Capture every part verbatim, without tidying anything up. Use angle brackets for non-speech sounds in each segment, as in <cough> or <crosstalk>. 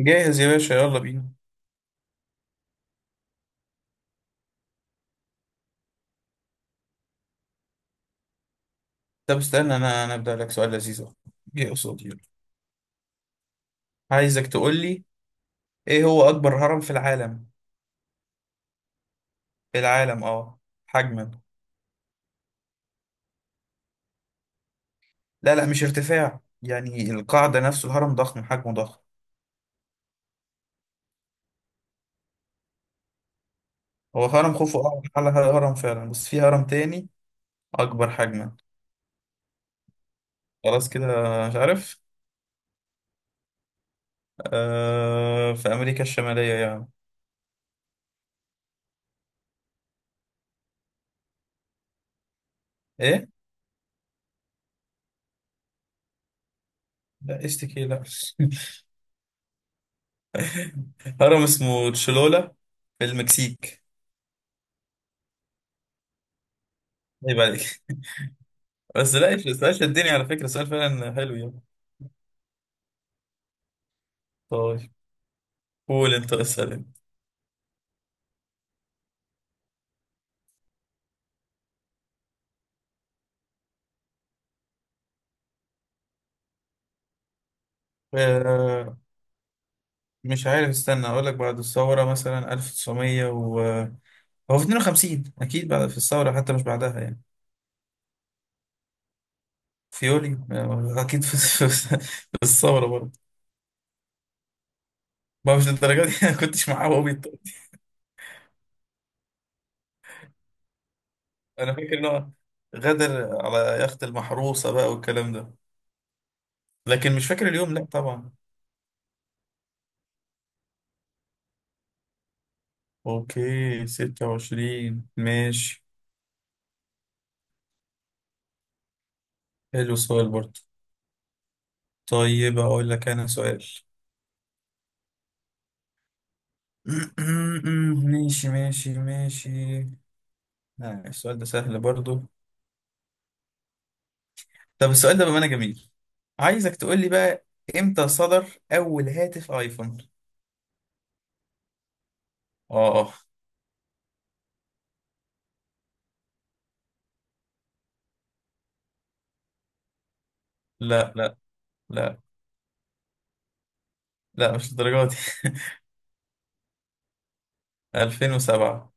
جاهز يا باشا، يلا بينا. طب استنى انا انا ابدا لك سؤال لذيذ أهو. جه قصادي، يلا. عايزك تقول لي ايه هو اكبر هرم في العالم. في العالم اه، حجما. لا لا، مش ارتفاع، يعني القاعده نفسه الهرم ضخم، حجمه ضخم. هو هرم خوفو اه على هرم فعلا، بس في هرم تاني اكبر حجما. خلاص كده، مش عارف. آه، في امريكا الشماليه يعني. ايه. لا استكي، لا <laughs> هرم اسمه تشلولا في المكسيك. عيب عليك. بس لا يش- السؤال شدني، على فكرة السؤال فعلا حلو يعني. طيب، قول انت، اسأل انت. آه، مش عارف، استنى اقول لك. بعد الثورة مثلا ألف وتسعمية و، هو في اتنين وخمسين اكيد، بعد في الثورة حتى، مش بعدها يعني. فيولي آه، اكيد في <laughs> في- في الثورة برضه. ما مش للدرجة دي <laughs> انا كنتش معاه وهو بيطلع. انا فاكر ان هو غدر على يخت المحروسة بقى والكلام ده، لكن مش فاكر اليوم، لا طبعا. اوكي، ستة وعشرين ماشي. حلو السؤال برضه. طيب أقول لك أنا سؤال. <clears throat> ماشي ماشي ماشي. آه، السؤال ده سهل برضو. طب السؤال ده بأمانة جميل. عايزك تقول لي بقى، إمتى صدر أول هاتف آيفون؟ آه. لا لا، لا، لا، مش الدرجة دي <laughs> ألفين وسبعة.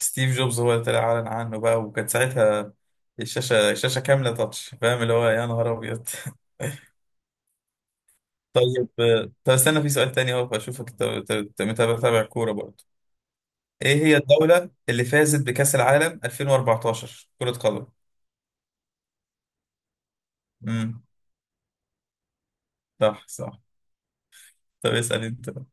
ستيف جوبز هو اللي طلع أعلن عنه بقى، وكانت ساعتها الشاشة الشاشة كاملة تاتش، فاهم اللي هو؟ يا نهار أبيض <laughs> طيب، آه، طب استنى، في سؤال تاني أهو. أشوفك متابع متابع كورة برضو. ايه هي الدولة اللي فازت بكأس العالم ألفين وأربعتاشر كرة قدم؟ امم، صح صح. طب اسأل انت بقى.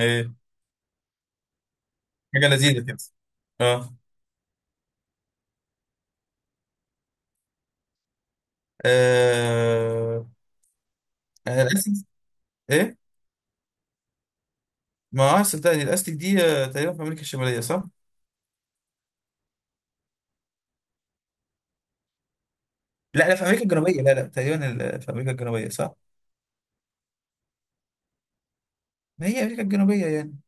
ايه، حاجة لذيذة كده. اه. آه، آه، الاستك. ايه. ما اه، صدقني الاستك دي آه، تقريبا في امريكا الشمالية، صح. لا لا، في امريكا الجنوبية، لا لا تقريبا، ال- في امريكا الجنوبية صح. ما هي امريكا الجنوبية يعني.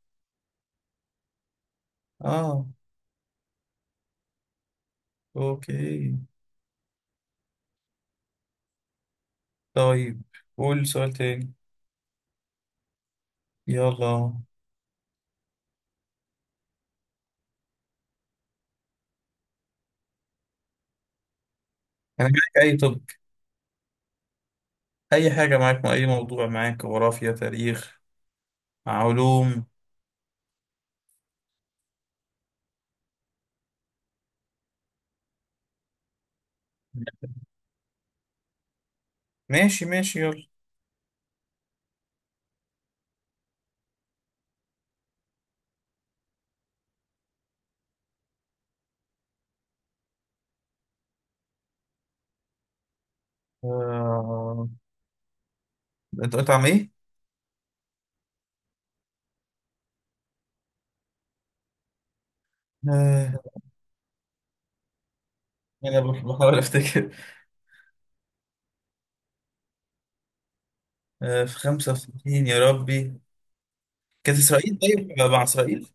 اه. اوكي. طيب، قول سؤال تاني. يلا. انا معاك اي، طب، اي حاجة معاك، اي موضوع معاك، جغرافيا، تاريخ، علوم. ماشي ماشي، يلا. آه... انت قلت عم ايه؟ آه... انا بح- بحاول افتكر. آه... في خمسة وستين، يا ربي. كانت اسرائيل، طيب مع اسرائيل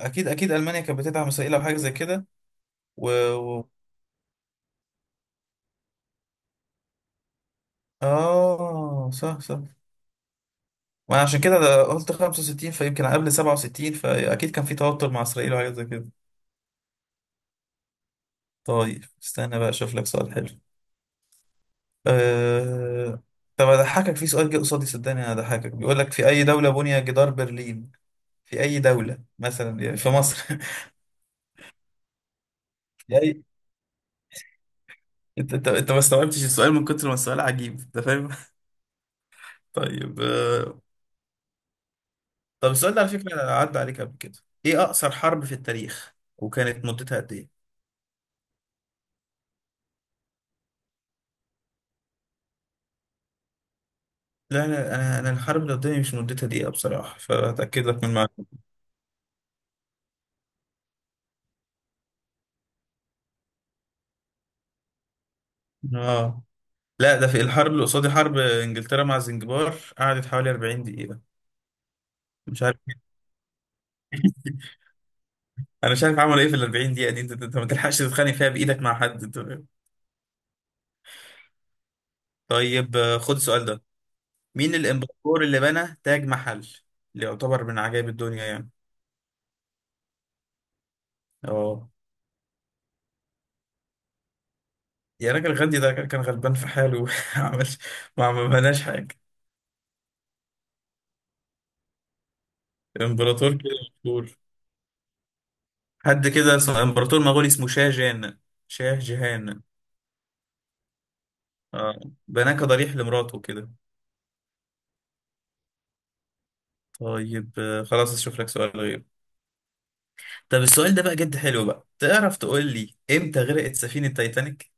اكيد اكيد المانيا كانت بتدعم اسرائيل او حاجه زي كده. و... و... اه صح صح. ما عشان كده ده قلت خمسة وستين، فيمكن قبل سبعة وستين، فاكيد كان في توتر مع اسرائيل وحاجه زي كده. طيب استنى بقى اشوف لك سؤال حلو. آه... طب اضحكك، في سؤال جه قصادي صدقني انا هضحكك، بيقول لك في اي دوله بني جدار برلين. في أي دولة، مثلا يعني في مصر <laughs> في أي أنت أنت أنت ما استوعبتش السؤال من كتر ما السؤال عجيب، أنت فاهم؟ <laughs> طيب، آه، طب السؤال ده على فكرة عدى عليك قبل كده. إيه أقصر حرب في التاريخ، وكانت مدتها قد إيه؟ لا، أنا أنا أنا الحرب اللي قدامي مش مدتها دقيقة بصراحة، فأتأكد لك من المعلومة. آه. لا، ده في الحرب اللي قصادي، حرب إنجلترا مع زنجبار قعدت حوالي أربعين دقيقة. مش عارف <laughs> انا مش عارف عملوا ايه في ال أربعين دقيقه دي. انت انت أنت ما تلحقش تتخانق فيها بايدك مع حد، أنت فاهم؟ طيب، آه، خد السؤال ده. مين الامبراطور اللي بنى تاج محل، اللي يعتبر من عجائب الدنيا يعني؟ اه. يا راجل، غاندي ده كان غلبان في حاله <laughs> ما عملش، ما عملناش حاجة. امبراطور كده مشهور، حد كده اسمه، امبراطور مغولي اسمه شاه جان، شاه جهان. اه. بناه كضريح لمراته كده. طيب، آه، خلاص اشوف لك سؤال غير. طب السؤال ده بقى جد حلو بقى، تعرف تقول لي امتى غرقت سفينة تايتانيك؟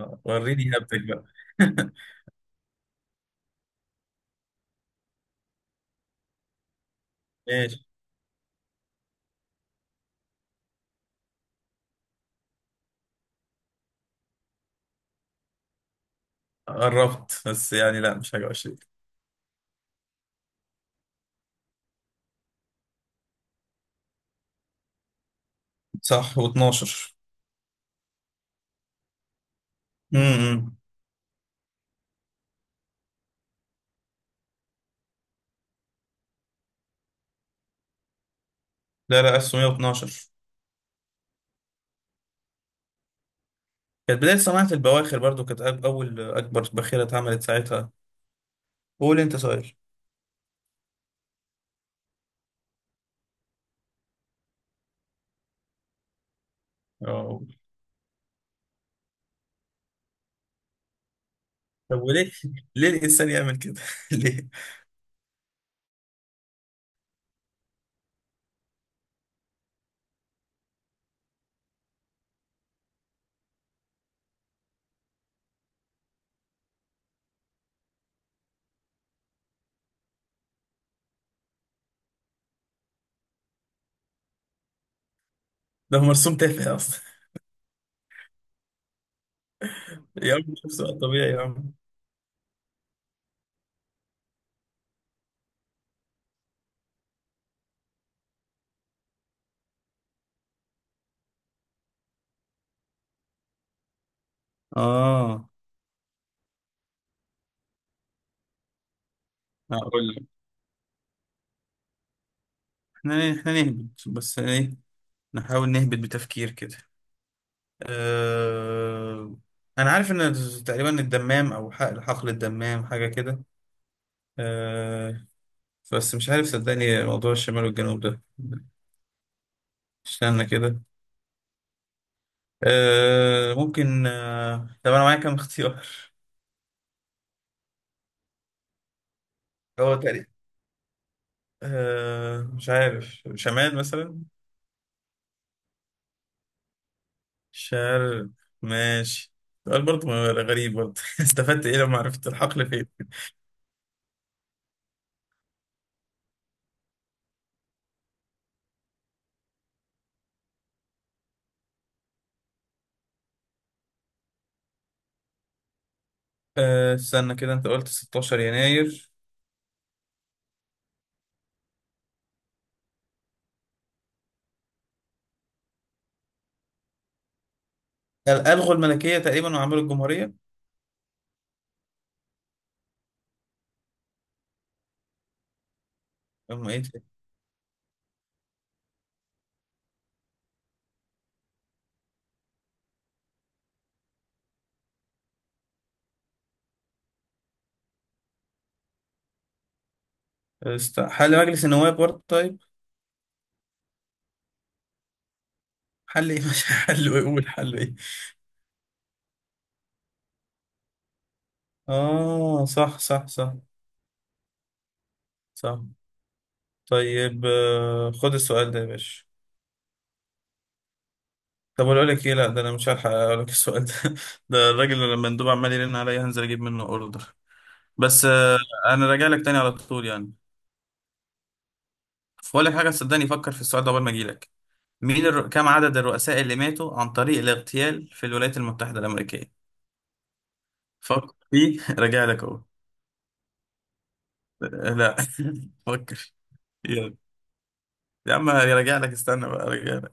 آه، وريني هبتك بقى <laughs> ماشي. قربت بس يعني، لا مش حاجة وحشة. صح، و12. امم، لا لا، ألف وتسعمية واتناشر. كانت بداية صناعة البواخر برضو، كانت أك- أول أكبر باخرة اتعملت ساعتها. قول أنت سؤال. اه. طب وليه؟ ليه الإنسان يعمل كده؟ <laughs> ليه؟ ده هو مرسوم تافه أصلا. يا عم شوف سؤال طبيعي يا عم. اه، هقول لك. احنا احنا نهبط، بس ايه، نحاول نهبط بتفكير كده. أه... أنا عارف إن تقريبا الدمام، أو حقل حقل الدمام حاجة كده، بس مش عارف صدقني موضوع الشمال والجنوب ده. استنى كده. آه ممكن، آه طب انا معايا كام اختيار؟ <laughs> هو تقريبا آه، مش عارف، شمال مثلا. شرق. ماشي. سؤال برضه غريب برضه <laughs> استفدت ايه لما عرفت الحقل فين. آه استنى كده، انت قلت ستاشر يناير. قال- الغوا الملكية تقريبا وعملوا الجمهورية. اما ايه تاني؟ است... حل مجلس النواب برضه. طيب حل ايه؟ <laughs> مش حل ايه، قول حل ايه. اه صح صح صح، صح. طيب، آه، خد السؤال ده يا باشا. طب اقول لك ايه، لا ده انا مش هلحق اقول لك السؤال ده <laughs> ده الراجل اللي لما المندوب عمال يرن عليا هنزل اجيب منه اوردر. بس آه، انا راجع لك تاني على طول يعني. فاقول لك حاجه، صدقني فكر في السؤال ده قبل ما اجي لك. مين الر... كم عدد الرؤساء اللي ماتوا عن طريق الاغتيال في الولايات المتحده الامريكيه؟ فكر فيه <laughs> راجع لك اهو. لا <laughs> فكر. يلا. يا عم راجع لك، استنى بقى، راجع.